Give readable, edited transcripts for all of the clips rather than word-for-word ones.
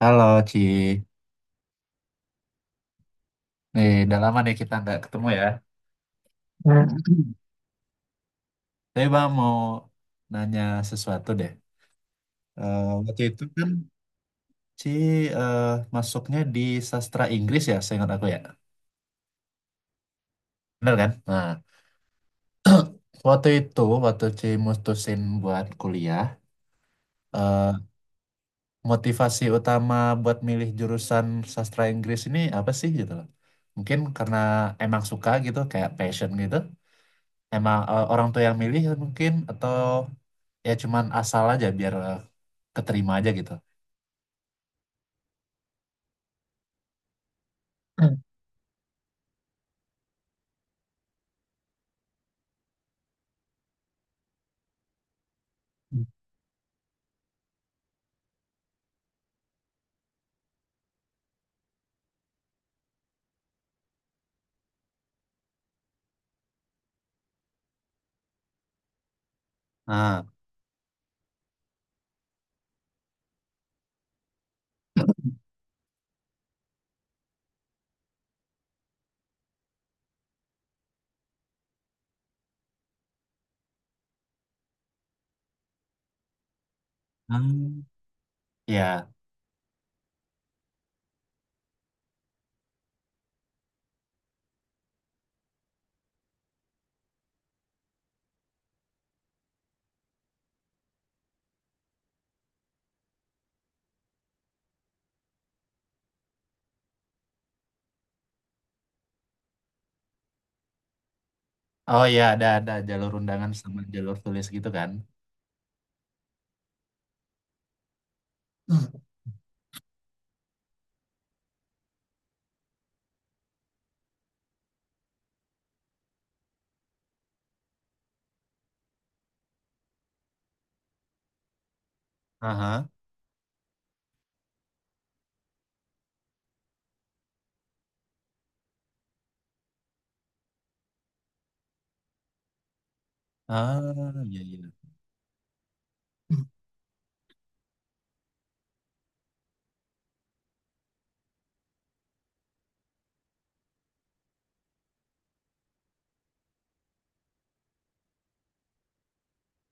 Halo Ci, nih udah lama nih kita nggak ketemu ya. Hmm. Tapi Bang mau nanya sesuatu deh. Eh, Waktu itu kan Ci eh, masuknya di sastra Inggris ya, seingat aku ya. Bener kan? Nah, waktu itu waktu Ci mutusin buat kuliah, eh, motivasi utama buat milih jurusan sastra Inggris ini apa sih gitu loh? Mungkin karena emang suka gitu, kayak passion gitu. Emang orang tua yang milih mungkin atau ya cuman asal aja biar keterima aja gitu. Nah, hmm, ya. Oh ya, ada jalur undangan sama jalur tulis gitu kan. Aha. Ah, iya iya.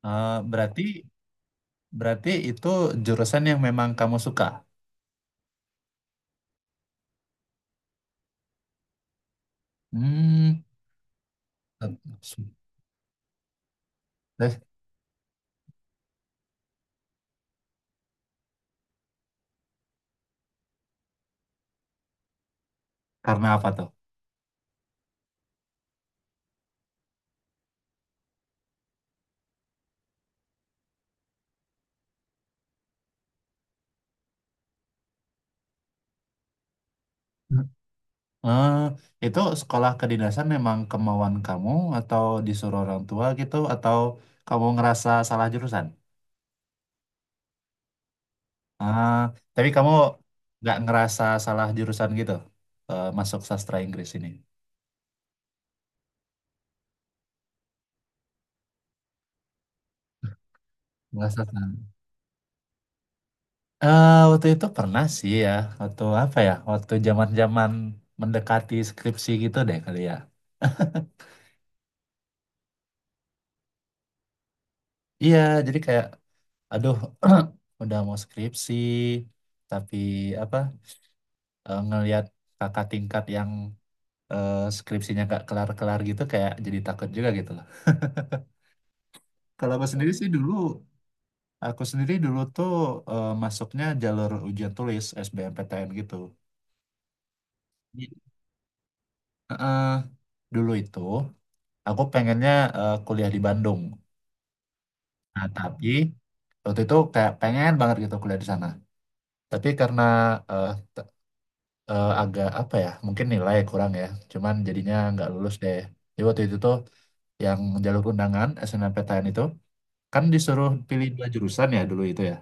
Ah, berarti berarti itu jurusan yang memang kamu suka. Hmm. eh, Terus karena apa tuh? Ah, itu sekolah kedinasan memang kemauan kamu atau disuruh orang tua gitu atau kamu ngerasa salah jurusan? Ah, tapi kamu nggak ngerasa salah jurusan gitu masuk sastra Inggris ini? Nggak salah. Waktu itu pernah sih ya, waktu apa ya? Waktu zaman-zaman mendekati skripsi gitu deh kali ya. Iya, jadi kayak, aduh, udah mau skripsi, tapi apa? Ngelihat kakak tingkat yang skripsinya gak kelar-kelar gitu, kayak jadi takut juga gitu loh. Kalau aku sendiri sih dulu Aku sendiri dulu tuh masuknya jalur ujian tulis SBMPTN gitu. Heeh, dulu itu aku pengennya kuliah di Bandung. Nah, tapi waktu itu kayak pengen banget gitu kuliah di sana. Tapi karena eh, t- agak apa ya, mungkin nilai kurang ya. Cuman jadinya nggak lulus deh. Jadi waktu itu tuh yang jalur undangan SNMPTN itu kan disuruh pilih dua jurusan ya dulu itu ya.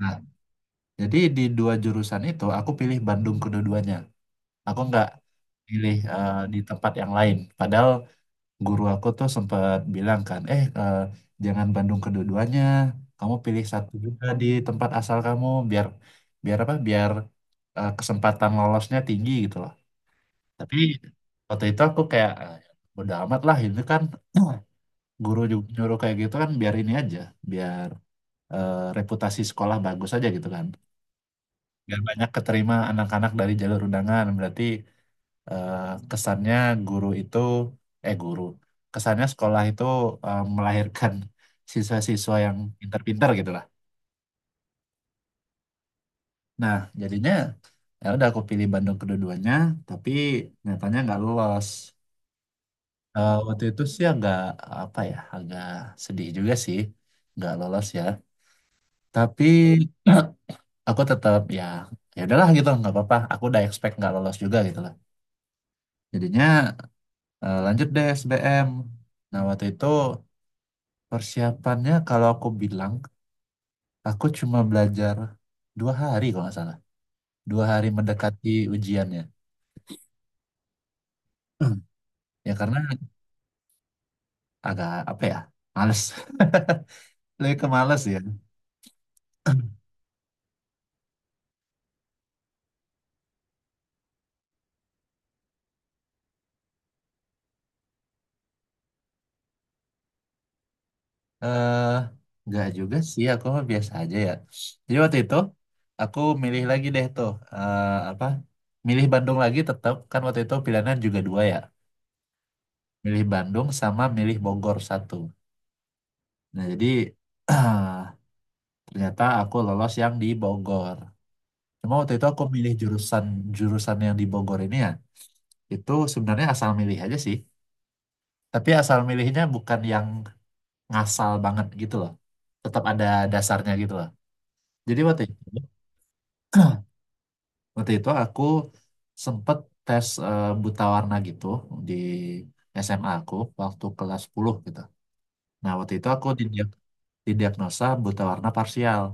Nah, jadi di dua jurusan itu aku pilih Bandung kedua-duanya. Aku nggak pilih di tempat yang lain. Padahal guru aku tuh sempat bilang kan, jangan Bandung kedua-duanya, kamu pilih satu juga di tempat asal kamu biar biar apa? Biar kesempatan lolosnya tinggi gitu loh. Tapi waktu itu aku kayak "Ah, bodo amat lah ini kan guru ju- nyuruh kayak gitu kan biar ini aja, biar reputasi sekolah bagus aja gitu kan. Biar banyak keterima anak-anak dari jalur undangan berarti eh, kesannya guru itu eh guru kesannya sekolah itu melahirkan siswa-siswa yang pintar-pintar gitu lah. Nah jadinya ya udah aku pilih Bandung kedua-duanya tapi nyatanya nggak lolos. Eh, waktu itu sih agak apa ya agak sedih juga sih nggak lolos ya. Tapi aku tetap ya ya udahlah gitu nggak apa-apa. Aku udah expect nggak lolos juga gitu lah. Jadinya lanjut deh SBM. Nah waktu itu Persiapannya kalau aku bilang, aku cuma belajar dua hari kalau nggak salah. Dua hari mendekati ujiannya. Hmm. Ya karena agak apa ya, males. Lebih ke males ya. eh nggak juga sih, aku mah biasa aja ya. Jadi waktu itu aku milih lagi deh tuh apa? Milih Bandung lagi tetap kan waktu itu pilihannya juga dua ya. Milih Bandung sama milih Bogor satu. Nah jadi ternyata aku lolos yang di Bogor. Cuma waktu itu aku milih jurusan jurusan yang di Bogor ini ya. Itu sebenarnya asal milih aja sih. Tapi asal milihnya bukan yang ngasal banget gitu loh. Tetap ada dasarnya gitu loh. Jadi waktu itu, aku sempet tes buta warna gitu di SMA aku waktu kelas 10 gitu. Nah waktu itu aku didiagnosa buta warna parsial.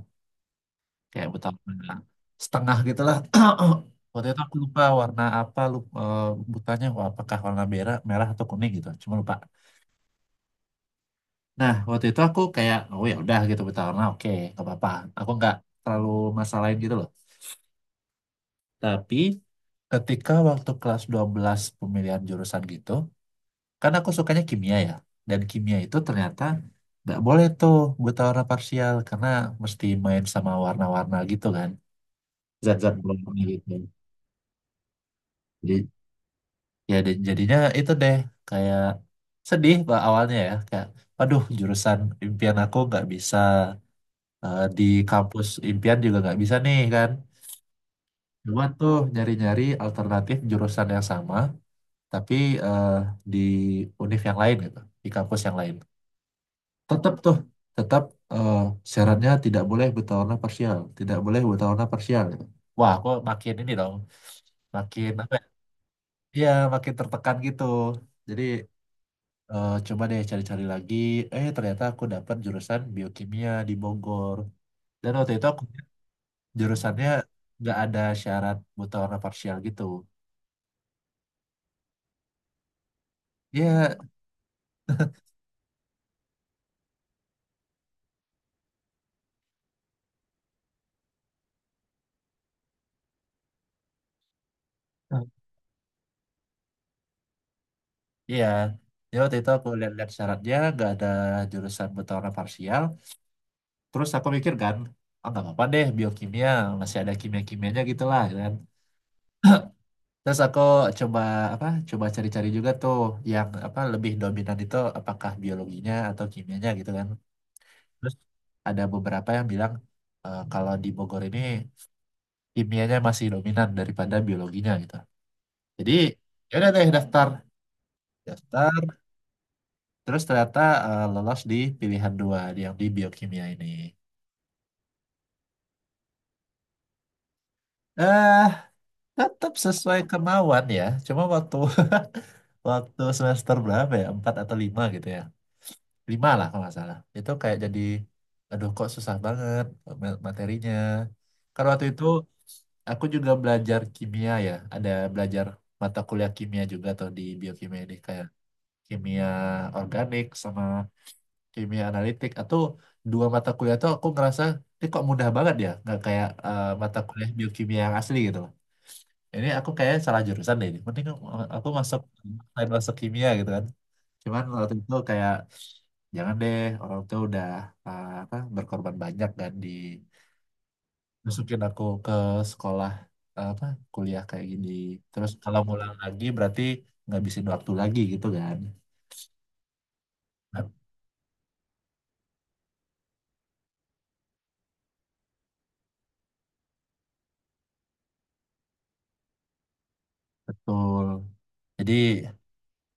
Kayak Butama setengah gitulah. Waktu itu aku lupa warna apa lupa, butanya wah, apakah warna merah merah atau kuning gitu cuma lupa. Nah waktu itu aku kayak oh ya udah gitu buta warna oke nggak apa-apa, aku nggak terlalu masalahin gitu loh. Tapi ketika waktu kelas 12 pemilihan jurusan gitu kan aku sukanya kimia ya, dan kimia itu ternyata nggak boleh tuh buta warna parsial karena mesti main sama warna-warna gitu kan, zat-zat belum gitu. Jadi ya di- jadinya itu deh kayak sedih pak awalnya ya, kayak aduh jurusan impian aku nggak bisa, di kampus impian juga nggak bisa nih kan. Coba tuh nyari-nyari alternatif jurusan yang sama tapi eh, di univ yang lain gitu, di kampus yang lain tetap tuh tetap eh, syaratnya tidak boleh bertaruna parsial gitu. Wah aku makin ini dong makin apa ya. Iya, makin tertekan gitu. Jadi, eh, coba deh cari-cari lagi. Eh, ternyata aku dapat jurusan biokimia di Bogor. Dan waktu itu aku jurusannya nggak ada syarat buta warna parsial gitu. Iya, iya. Ya waktu itu aku lihat-lihat syaratnya nggak ada jurusan buta warna parsial. Terus aku mikir kan, ah nggak apa-apa deh biokimia masih ada kimia-kimianya gitu lah kan. Terus aku coba apa? Coba cari-cari juga tuh yang apa lebih dominan itu apakah biologinya atau kimianya gitu kan. Terus ada beberapa yang bilang kalau di Bogor ini kimianya masih dominan daripada biologinya gitu. Jadi ya udah deh daftar, daftar. Terus ternyata lolos di pilihan dua yang di biokimia ini. Eh, tetap sesuai kemauan ya. Cuma waktu waktu semester berapa ya? Empat atau lima gitu ya. Lima lah kalau nggak salah itu kayak jadi aduh kok susah banget ma- materinya karena waktu itu aku juga belajar kimia ya, ada belajar mata kuliah kimia juga tuh di biokimia ini kayak kimia organik sama kimia analitik. Atau dua mata kuliah tuh aku ngerasa ini kok mudah banget ya, nggak kayak mata kuliah biokimia yang asli gitu loh. Ini aku kayak salah jurusan deh, ini mending aku masuk lain, masuk kimia gitu kan. Cuman waktu itu kayak jangan deh, orang tuh udah apa berkorban banyak kan di masukin aku ke sekolah apa kuliah kayak gini. Terus kalau ngulang lagi berarti ngabisin waktu lagi gitu kan. Nah, betul. Jadi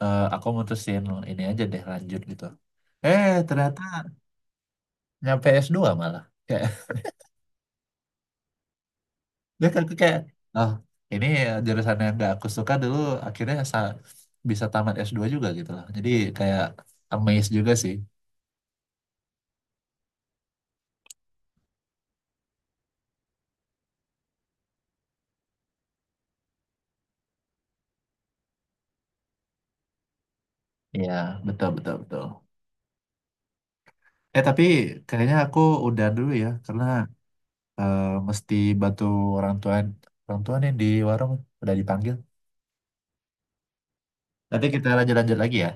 aku mutusin ini aja deh lanjut gitu. Eh ternyata nyampe s dua malah. Dia kan kayak oh ini jurusan yang gak aku suka dulu akhirnya sa- bisa tamat s dua juga gitu loh. Jadi kayak amazed juga sih. Iya, betul betul betul. Eh tapi kayaknya aku udah dulu ya karena eh, mesti bantu orang tua orang tua nih di warung udah dipanggil, nanti kita lanjut-lanjut lagi ya